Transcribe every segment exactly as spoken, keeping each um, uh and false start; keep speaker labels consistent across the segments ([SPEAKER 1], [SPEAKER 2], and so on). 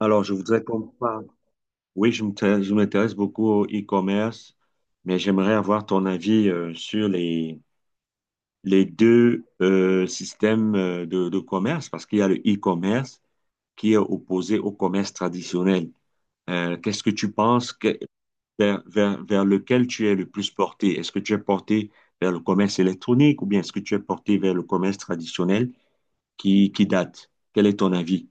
[SPEAKER 1] Alors, je voudrais qu'on parle. Oui, je m'intéresse je m'intéresse beaucoup au e-commerce, mais j'aimerais avoir ton avis euh, sur les, les deux euh, systèmes euh, de, de commerce, parce qu'il y a le e-commerce qui est opposé au commerce traditionnel. Euh, qu'est-ce que tu penses que- vers, vers, vers lequel tu es le plus porté? Est-ce que tu es porté vers le commerce électronique ou bien est-ce que tu es porté vers le commerce traditionnel qui, qui date? Quel est ton avis?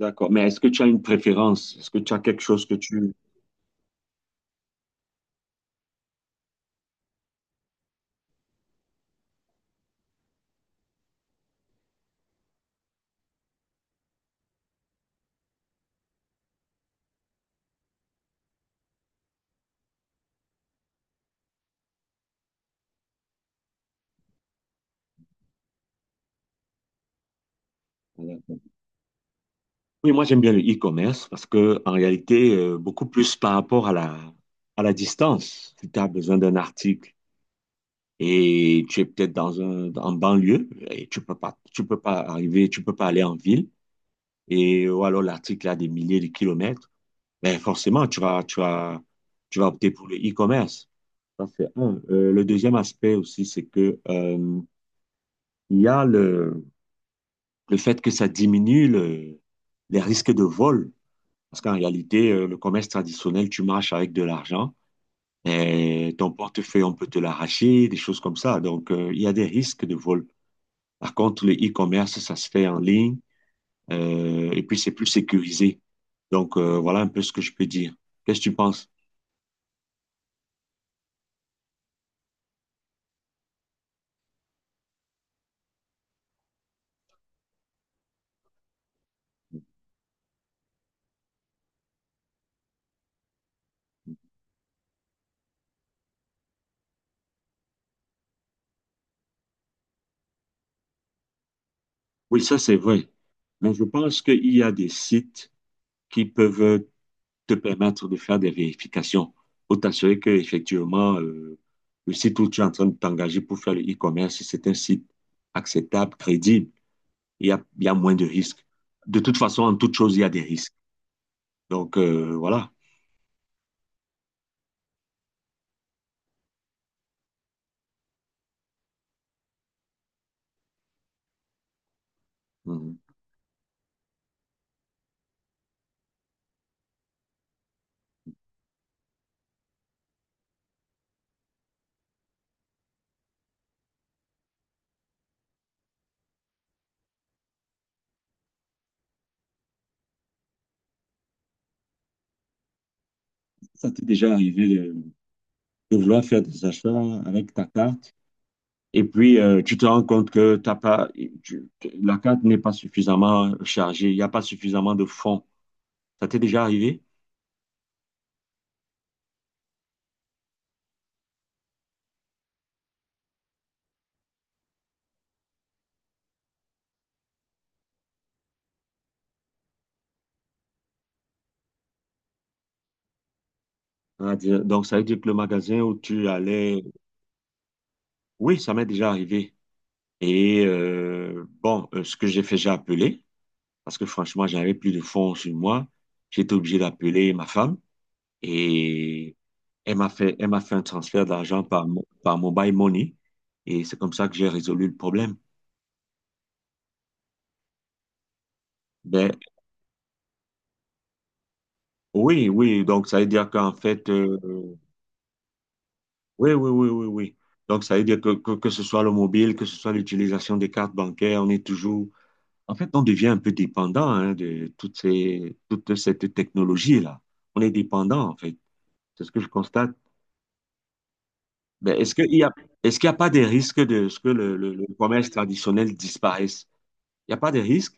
[SPEAKER 1] D'accord. Mais est-ce que tu as une préférence? Est-ce que tu as quelque chose que tu... Voilà. Oui, moi j'aime bien le e-commerce parce que en réalité, euh, beaucoup plus par rapport à la, à la distance. Si tu as besoin d'un article et tu es peut-être dans un en banlieue et tu peux pas, tu peux pas arriver, tu peux pas aller en ville et ou alors l'article a des milliers de kilomètres, ben forcément tu vas, tu vas, tu vas opter pour le e-commerce. Ça c'est un. Euh, le deuxième aspect aussi, c'est que euh, il y a le, le fait que ça diminue le, les risques de vol. Parce qu'en réalité, euh, le commerce traditionnel, tu marches avec de l'argent et ton portefeuille, on peut te l'arracher, des choses comme ça. Donc, euh, il y a des risques de vol. Par contre, le e-commerce, ça se fait en ligne euh, et puis c'est plus sécurisé. Donc, euh, voilà un peu ce que je peux dire. Qu'est-ce que tu penses? Oui, ça, c'est vrai. Mais je pense qu'il y a des sites qui peuvent te permettre de faire des vérifications pour t'assurer que effectivement euh, le site où tu es en train de t'engager pour faire le e-commerce, c'est un site acceptable, crédible. Il y a, il y a moins de risques. De toute façon, en toute chose, il y a des risques. Donc, euh, voilà. Mhm. Ça t'est déjà arrivé de, de vouloir faire des achats avec ta carte et puis euh, tu te rends compte que t'as pas, tu- la carte n'est pas suffisamment chargée, il n'y a pas suffisamment de fonds. Ça t'est déjà arrivé? Ah, dire- Donc, ça veut dire que le magasin où tu allais... Oui, ça m'est déjà arrivé. Et euh, bon, euh, ce que j'ai fait, j'ai appelé, parce que franchement, j'avais plus de fonds sur moi. J'étais obligé d'appeler ma femme et elle m'a fait, elle m'a fait un transfert d'argent par, mo- par Mobile Money. Et c'est comme ça que j'ai résolu le problème. Ben, oui, oui, donc ça veut dire qu'en fait, euh, oui, oui, oui, oui, oui. Donc ça veut dire que, que, que ce soit le mobile, que ce soit l'utilisation des cartes bancaires, on est toujours, en fait, on devient un peu dépendant hein, de toutes ces, toute cette technologie-là. On est dépendant, en fait. C'est ce que je constate. Ben, est-ce qu'il y a, est-ce qu'il n'y a pas des risques de ce que le, le, le commerce traditionnel disparaisse? Il n'y a pas de risques?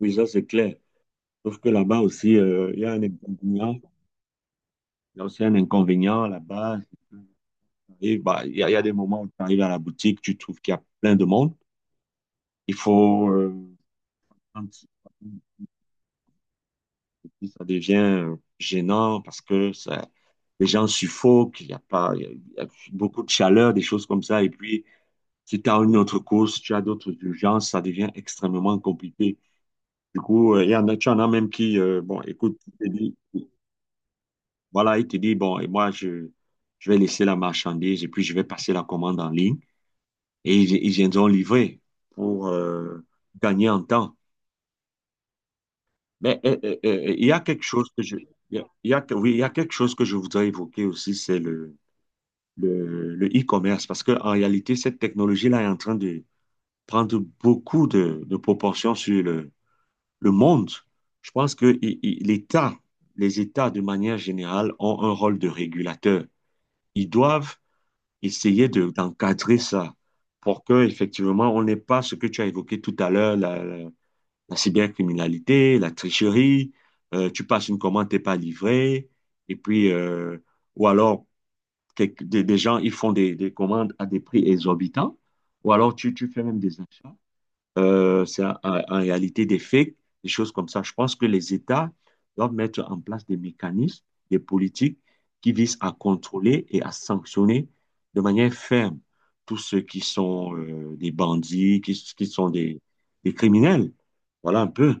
[SPEAKER 1] Oui, ça, c'est clair. Sauf que là-bas aussi, euh, il y a un inconvénient. Il y a aussi un inconvénient là-bas. Et bah, il y, a il y a des moments où tu arrives à la boutique, tu trouves qu'il y a plein de monde. Il faut, euh, un petit- ça devient euh, gênant parce que ça, les gens suffoquent, il y a pas, il y a, il y a beaucoup de chaleur, des choses comme ça. Et puis, si tu as une autre course, tu as d'autres urgences, ça devient extrêmement compliqué. Du coup, euh, il y en a, tu en as même qui, euh, bon, écoute, il te dit, voilà, il te dit, bon, et moi, je, je vais laisser la marchandise et puis je vais passer la commande en ligne. Et ils, ils viendront livrer pour euh, gagner en temps. Mais euh, euh, euh, euh, il y a quelque chose que je, il y a, il y a- oui, il y a quelque chose que je voudrais évoquer aussi, c'est le, le, le e-commerce, parce que en réalité, cette technologie-là est en train de prendre beaucoup de, de proportions sur le, le monde. Je pense que i- i- l'État, les États de manière générale ont un rôle de régulateur. Ils doivent essayer de, d'encadrer ça pour que, effectivement, on n'ait pas ce que tu as évoqué tout à l'heure, la cybercriminalité, la tricherie, euh, tu passes une commande, t'es pas livré, et puis, euh, ou alors, quelques- des, des gens, ils font des, des commandes à des prix exorbitants, ou alors tu, tu fais même des achats. Euh, c'est en, en- en réalité des fakes, des choses comme ça. Je pense que les États doivent mettre en place des mécanismes, des politiques qui visent à contrôler et à sanctionner de manière ferme tous ceux qui sont euh, des bandits, qui, qui sont des, des criminels. Voilà un peu.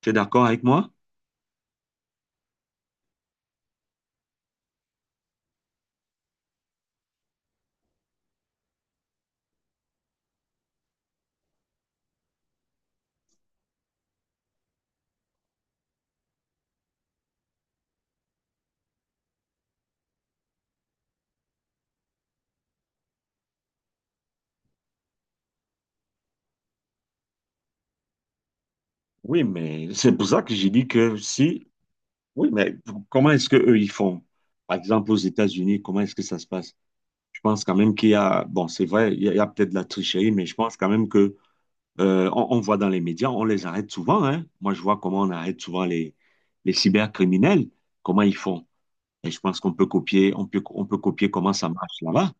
[SPEAKER 1] Tu es d'accord avec moi? Oui, mais c'est pour ça que j'ai dit que si, oui, mais comment est-ce que eux ils font? Par exemple, aux États-Unis, comment est-ce que ça se passe? Je pense quand même qu'il y a, bon, c'est vrai, il y a, il y a peut-être de la tricherie, mais je pense quand même que euh, on, on voit dans les médias, on les arrête souvent, hein. Moi, je vois comment on arrête souvent les, les cybercriminels, comment ils font. Et je pense qu'on peut copier, on peut, on peut copier comment ça marche là-bas.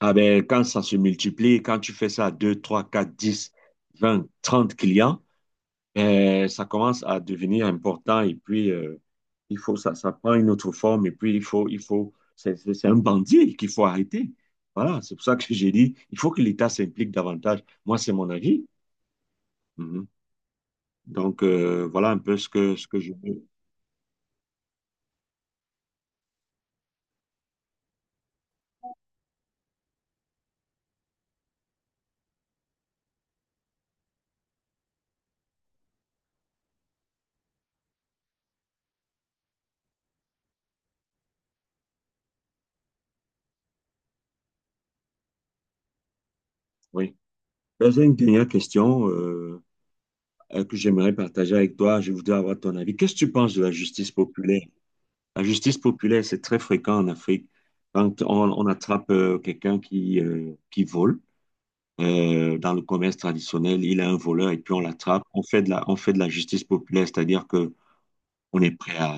[SPEAKER 1] Ah ben, quand ça se multiplie, quand tu fais ça à deux, trois, quatre, dix, vingt, trente clients, Euh, ça commence à devenir important et puis euh, il faut ça, ça prend une autre forme et puis il faut il faut c'est c'est- c'est un bandit qu'il faut arrêter. Voilà, c'est pour ça que j'ai dit il faut que l'État s'implique davantage. Moi, c'est mon avis. Mhm. Donc euh, voilà un peu ce que ce que je veux. Oui. Ben, j'ai une dernière question euh, euh, que j'aimerais partager avec toi. Je voudrais avoir ton avis. Qu'est-ce que tu penses de la justice populaire? La justice populaire, c'est très fréquent en Afrique. Quand on, on attrape euh, quelqu'un qui, euh, qui vole, Euh, dans le commerce traditionnel, il a un voleur et puis on l'attrape. On fait de la, on fait de la justice populaire, c'est-à-dire que on est prêt à,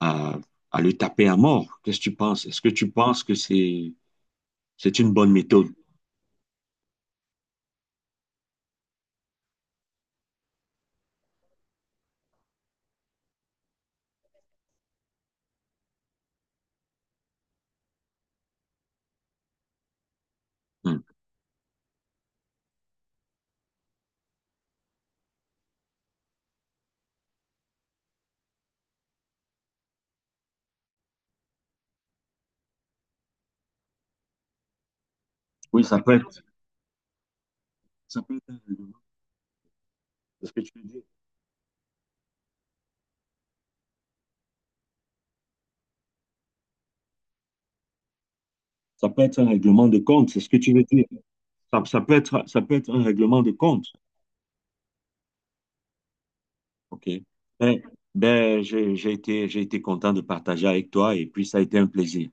[SPEAKER 1] à, à le taper à mort. Qu'est-ce que tu penses? Est-ce que tu penses que c'est, c'est une bonne méthode? Hmm. Oui, ça peut être, ça peut être un règlement, c'est ce que tu veux dire. Ça peut être un règlement de compte, c'est ce que tu veux dire. Ça, ça peut être, ça peut être un règlement de compte. OK. Ben, ben, j'ai j'ai été, j'ai été content de partager avec toi et puis ça a été un plaisir.